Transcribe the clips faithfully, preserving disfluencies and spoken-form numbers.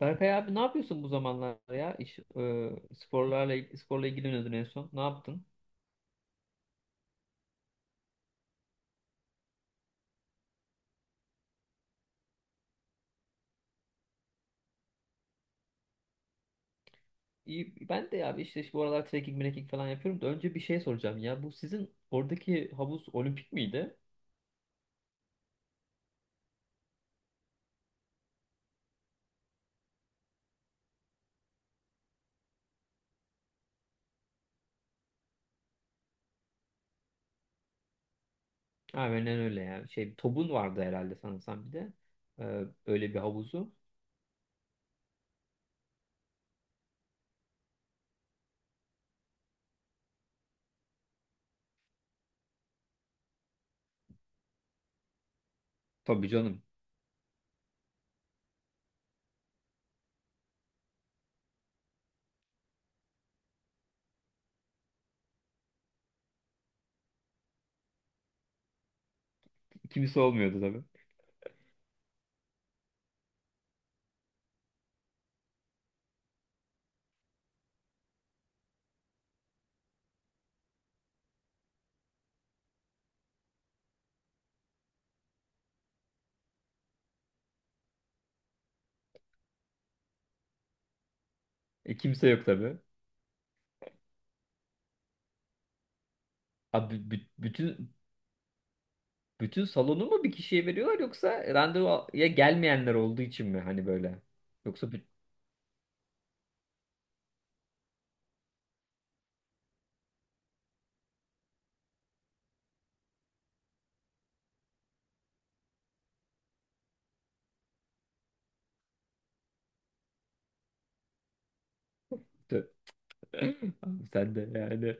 Berkay abi ne yapıyorsun bu zamanlar ya? İş, e, sporlarla sporla ilgileniyordun en son. Ne yaptın? İyi, ben de ya abi işte bu aralar trekking, trekking falan yapıyorum da önce bir şey soracağım ya. Bu sizin oradaki havuz olimpik miydi? Aynen öyle ya. Şey tobun vardı herhalde sanırsam bir de. E, öyle bir havuzu. Tabii canım. Kimse olmuyordu tabii. E, kimse yok tabii. Abi bü- bütün bütün salonu mu bir kişiye veriyorlar yoksa randevuya gelmeyenler olduğu için mi hani böyle? Yoksa bütün abi sen de yani.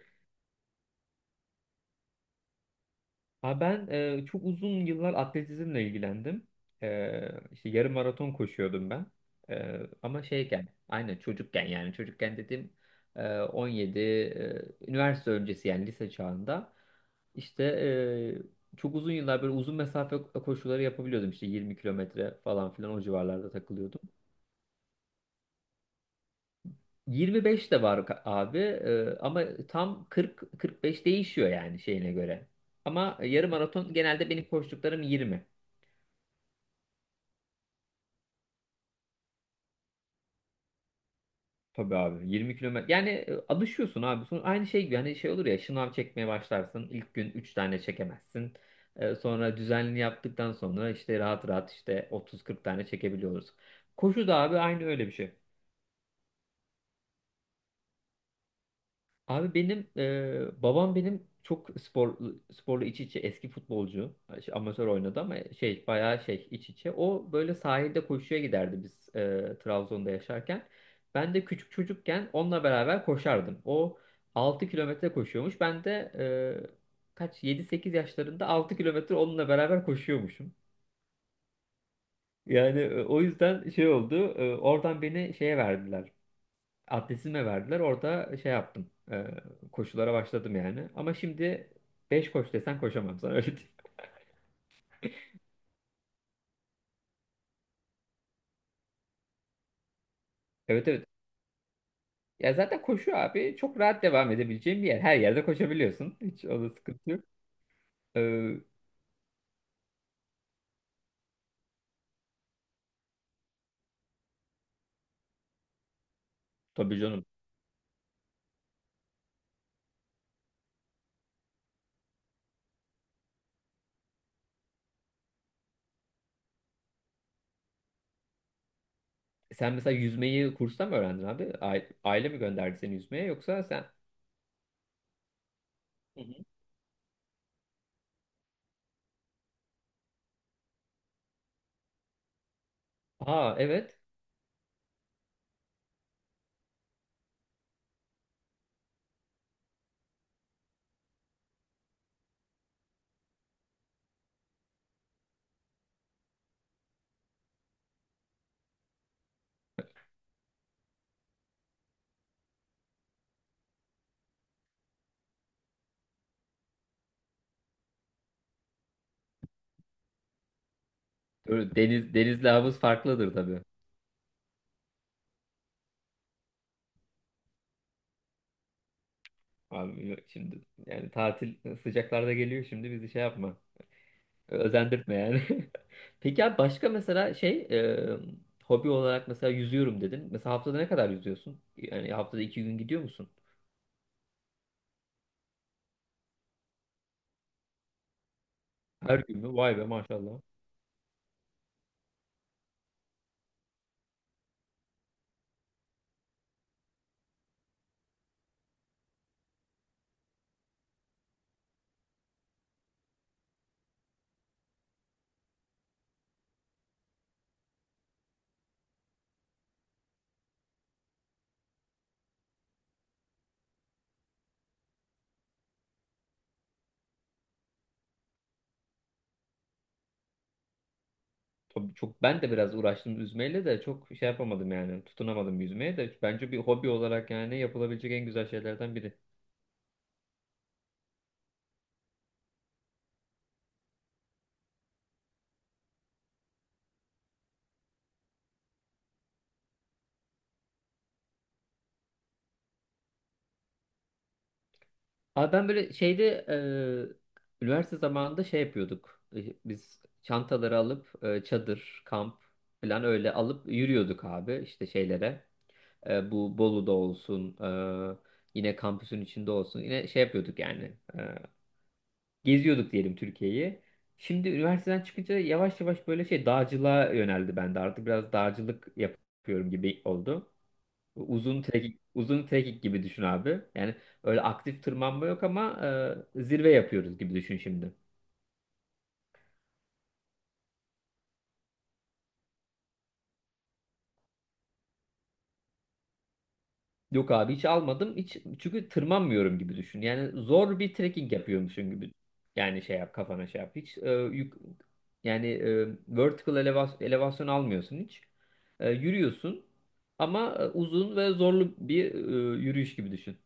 Ha ben e, çok uzun yıllar atletizmle ilgilendim. E, işte yarım maraton koşuyordum ben. E, ama şeyken, aynen çocukken yani çocukken dedim, e, on yedi, e, üniversite öncesi yani lise çağında. İşte e, çok uzun yıllar böyle uzun mesafe koşuları yapabiliyordum. İşte yirmi kilometre falan filan o civarlarda takılıyordum. yirmi beş de var ka- abi. Ee, ama tam kırk kırk beş değişiyor yani şeyine göre. Ama yarım maraton genelde benim koştuklarım yirmi. Tabii abi yirmi kilometre. Yani e, alışıyorsun abi. Sonra aynı şey gibi hani şey olur ya şınav çekmeye başlarsın. İlk gün üç tane çekemezsin. Ee, sonra düzenli yaptıktan sonra işte rahat rahat işte otuz kırk tane çekebiliyoruz. Koşu da abi aynı öyle bir şey. Abi benim e, babam benim çok spor sporla iç içe, eski futbolcu. Şey, amatör oynadı ama şey bayağı şey iç içe, o böyle sahilde koşuya giderdi biz e, Trabzon'da yaşarken, ben de küçük çocukken onunla beraber koşardım. O altı kilometre koşuyormuş, ben de e, kaç, yedi sekiz yaşlarında altı kilometre onunla beraber koşuyormuşum. Yani e, o yüzden şey oldu, e, oradan beni şeye verdiler. Atletizme verdiler. Orada şey yaptım. E, koşulara başladım yani. Ama şimdi beş koş desen koşamam sana, öyle diyeyim. Evet, evet. Ya zaten koşu abi çok rahat devam edebileceğin bir yer. Her yerde koşabiliyorsun. Hiç o da sıkıntı yok. E, tabii canım. Sen mesela yüzmeyi kursta mı öğrendin abi? Aile, aile mi gönderdi seni yüzmeye yoksa sen? Hı hı. Aa, evet. Öyle Deniz, denizle havuz farklıdır tabii. Abi yok şimdi yani tatil sıcaklarda geliyor şimdi bizi şey yapma. Özendirtme yani. Peki abi başka mesela şey, e, hobi olarak mesela yüzüyorum dedin. Mesela haftada ne kadar yüzüyorsun? Yani haftada iki gün gidiyor musun? Her gün mü? Vay be, maşallah. Tabii çok ben de biraz uğraştım yüzmeyle de, çok şey yapamadım yani, tutunamadım yüzmeye de. Bence bir hobi olarak yani yapılabilecek en güzel şeylerden biri. Abi ben böyle şeyde, e, üniversite zamanında şey yapıyorduk. E, biz çantaları alıp e, çadır, kamp falan öyle alıp yürüyorduk abi işte şeylere. E, bu Bolu'da olsun, e, yine kampüsün içinde olsun. Yine şey yapıyorduk yani. E, geziyorduk diyelim Türkiye'yi. Şimdi üniversiteden çıkınca yavaş yavaş böyle şey dağcılığa yöneldi bende. Artık biraz dağcılık yapıyorum gibi oldu. Uzun trekking, uzun trekking gibi düşün abi. Yani öyle aktif tırmanma yok ama e, zirve yapıyoruz gibi düşün şimdi. Yok abi hiç almadım. Hiç, çünkü tırmanmıyorum gibi düşün. Yani zor bir trekking yapıyormuşsun gibi. Yani şey yap kafana, şey yap. Hiç e, yük, yani e, vertical elevas- elevasyon almıyorsun hiç. E, yürüyorsun ama e, uzun ve zorlu bir, e, yürüyüş gibi düşün.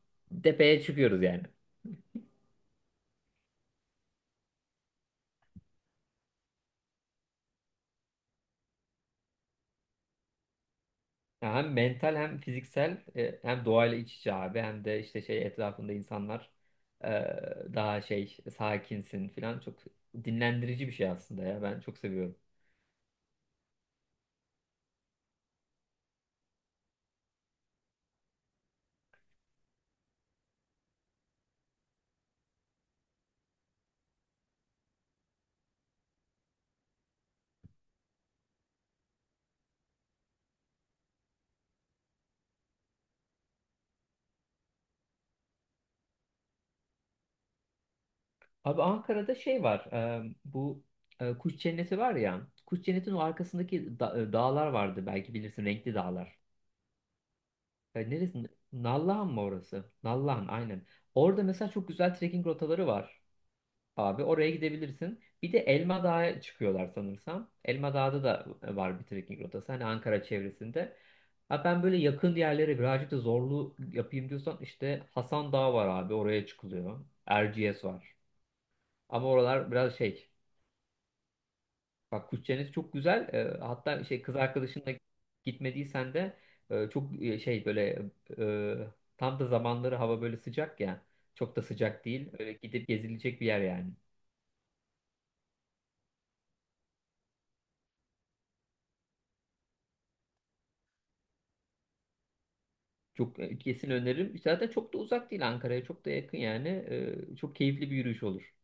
Tepeye çıkıyoruz yani. Ya, hem mental hem fiziksel, e, hem doğayla iç içe abi, hem de işte şey etrafında insanlar, e, daha şey sakinsin falan, çok dinlendirici bir şey aslında ya, ben çok seviyorum. Abi Ankara'da şey var. E, bu, e, Kuş Cenneti var ya. Kuş Cenneti'nin o arkasındaki da- e, dağlar vardı. Belki bilirsin, renkli dağlar. E, neresi? Nallıhan mı orası? Nallıhan, aynen. Orada mesela çok güzel trekking rotaları var. Abi oraya gidebilirsin. Bir de Elma Dağı'ya çıkıyorlar sanırsam. Elma dağda da var bir trekking rotası. Hani Ankara çevresinde. Ha, ben böyle yakın yerlere birazcık da zorlu yapayım diyorsan, işte Hasan Dağı var abi, oraya çıkılıyor. Erciyes var. Ama oralar biraz şey. Bak, kuş cenneti çok güzel. Ee, hatta şey, kız arkadaşınla gitmediysen de, e, çok e, şey böyle, e, tam da zamanları, hava böyle sıcak ya. Çok da sıcak değil. Öyle gidip gezilecek bir yer yani. Çok e, kesin öneririm. Zaten çok da uzak değil Ankara'ya. Çok da yakın yani. Ee, çok keyifli bir yürüyüş olur.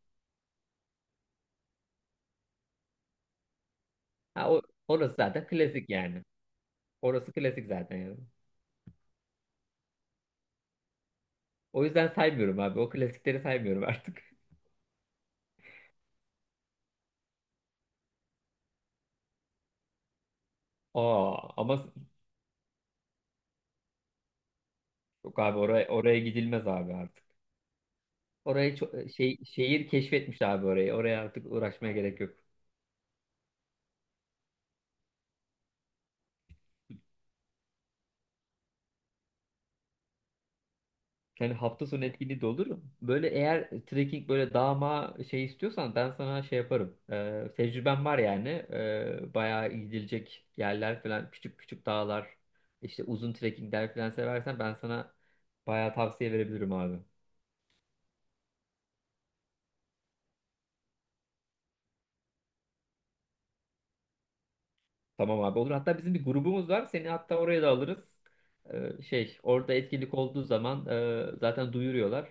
Ha, o, orası zaten klasik yani. Orası klasik zaten yani. O yüzden saymıyorum abi. O klasikleri saymıyorum artık. Aa, ama yok abi oraya, oraya gidilmez abi artık. Orayı ço- e, şey, şehir keşfetmiş abi orayı. Oraya artık uğraşmaya gerek yok. Yani hafta sonu etkinliği de olur. Böyle eğer trekking böyle dağma şey istiyorsan, ben sana şey yaparım. Ee, tecrübem var yani. Ee, bayağı gidilecek yerler falan, küçük küçük dağlar, işte uzun trekkingler falan seversen, ben sana bayağı tavsiye verebilirim abi. Tamam abi, olur. Hatta bizim bir grubumuz var. Seni hatta oraya da alırız. Ee, şey, orada etkinlik olduğu zaman e, zaten duyuruyorlar.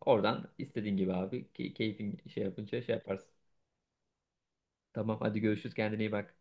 Oradan istediğin gibi abi, key- keyfin şey yapınca şey yaparsın. Tamam, hadi görüşürüz, kendine iyi bak.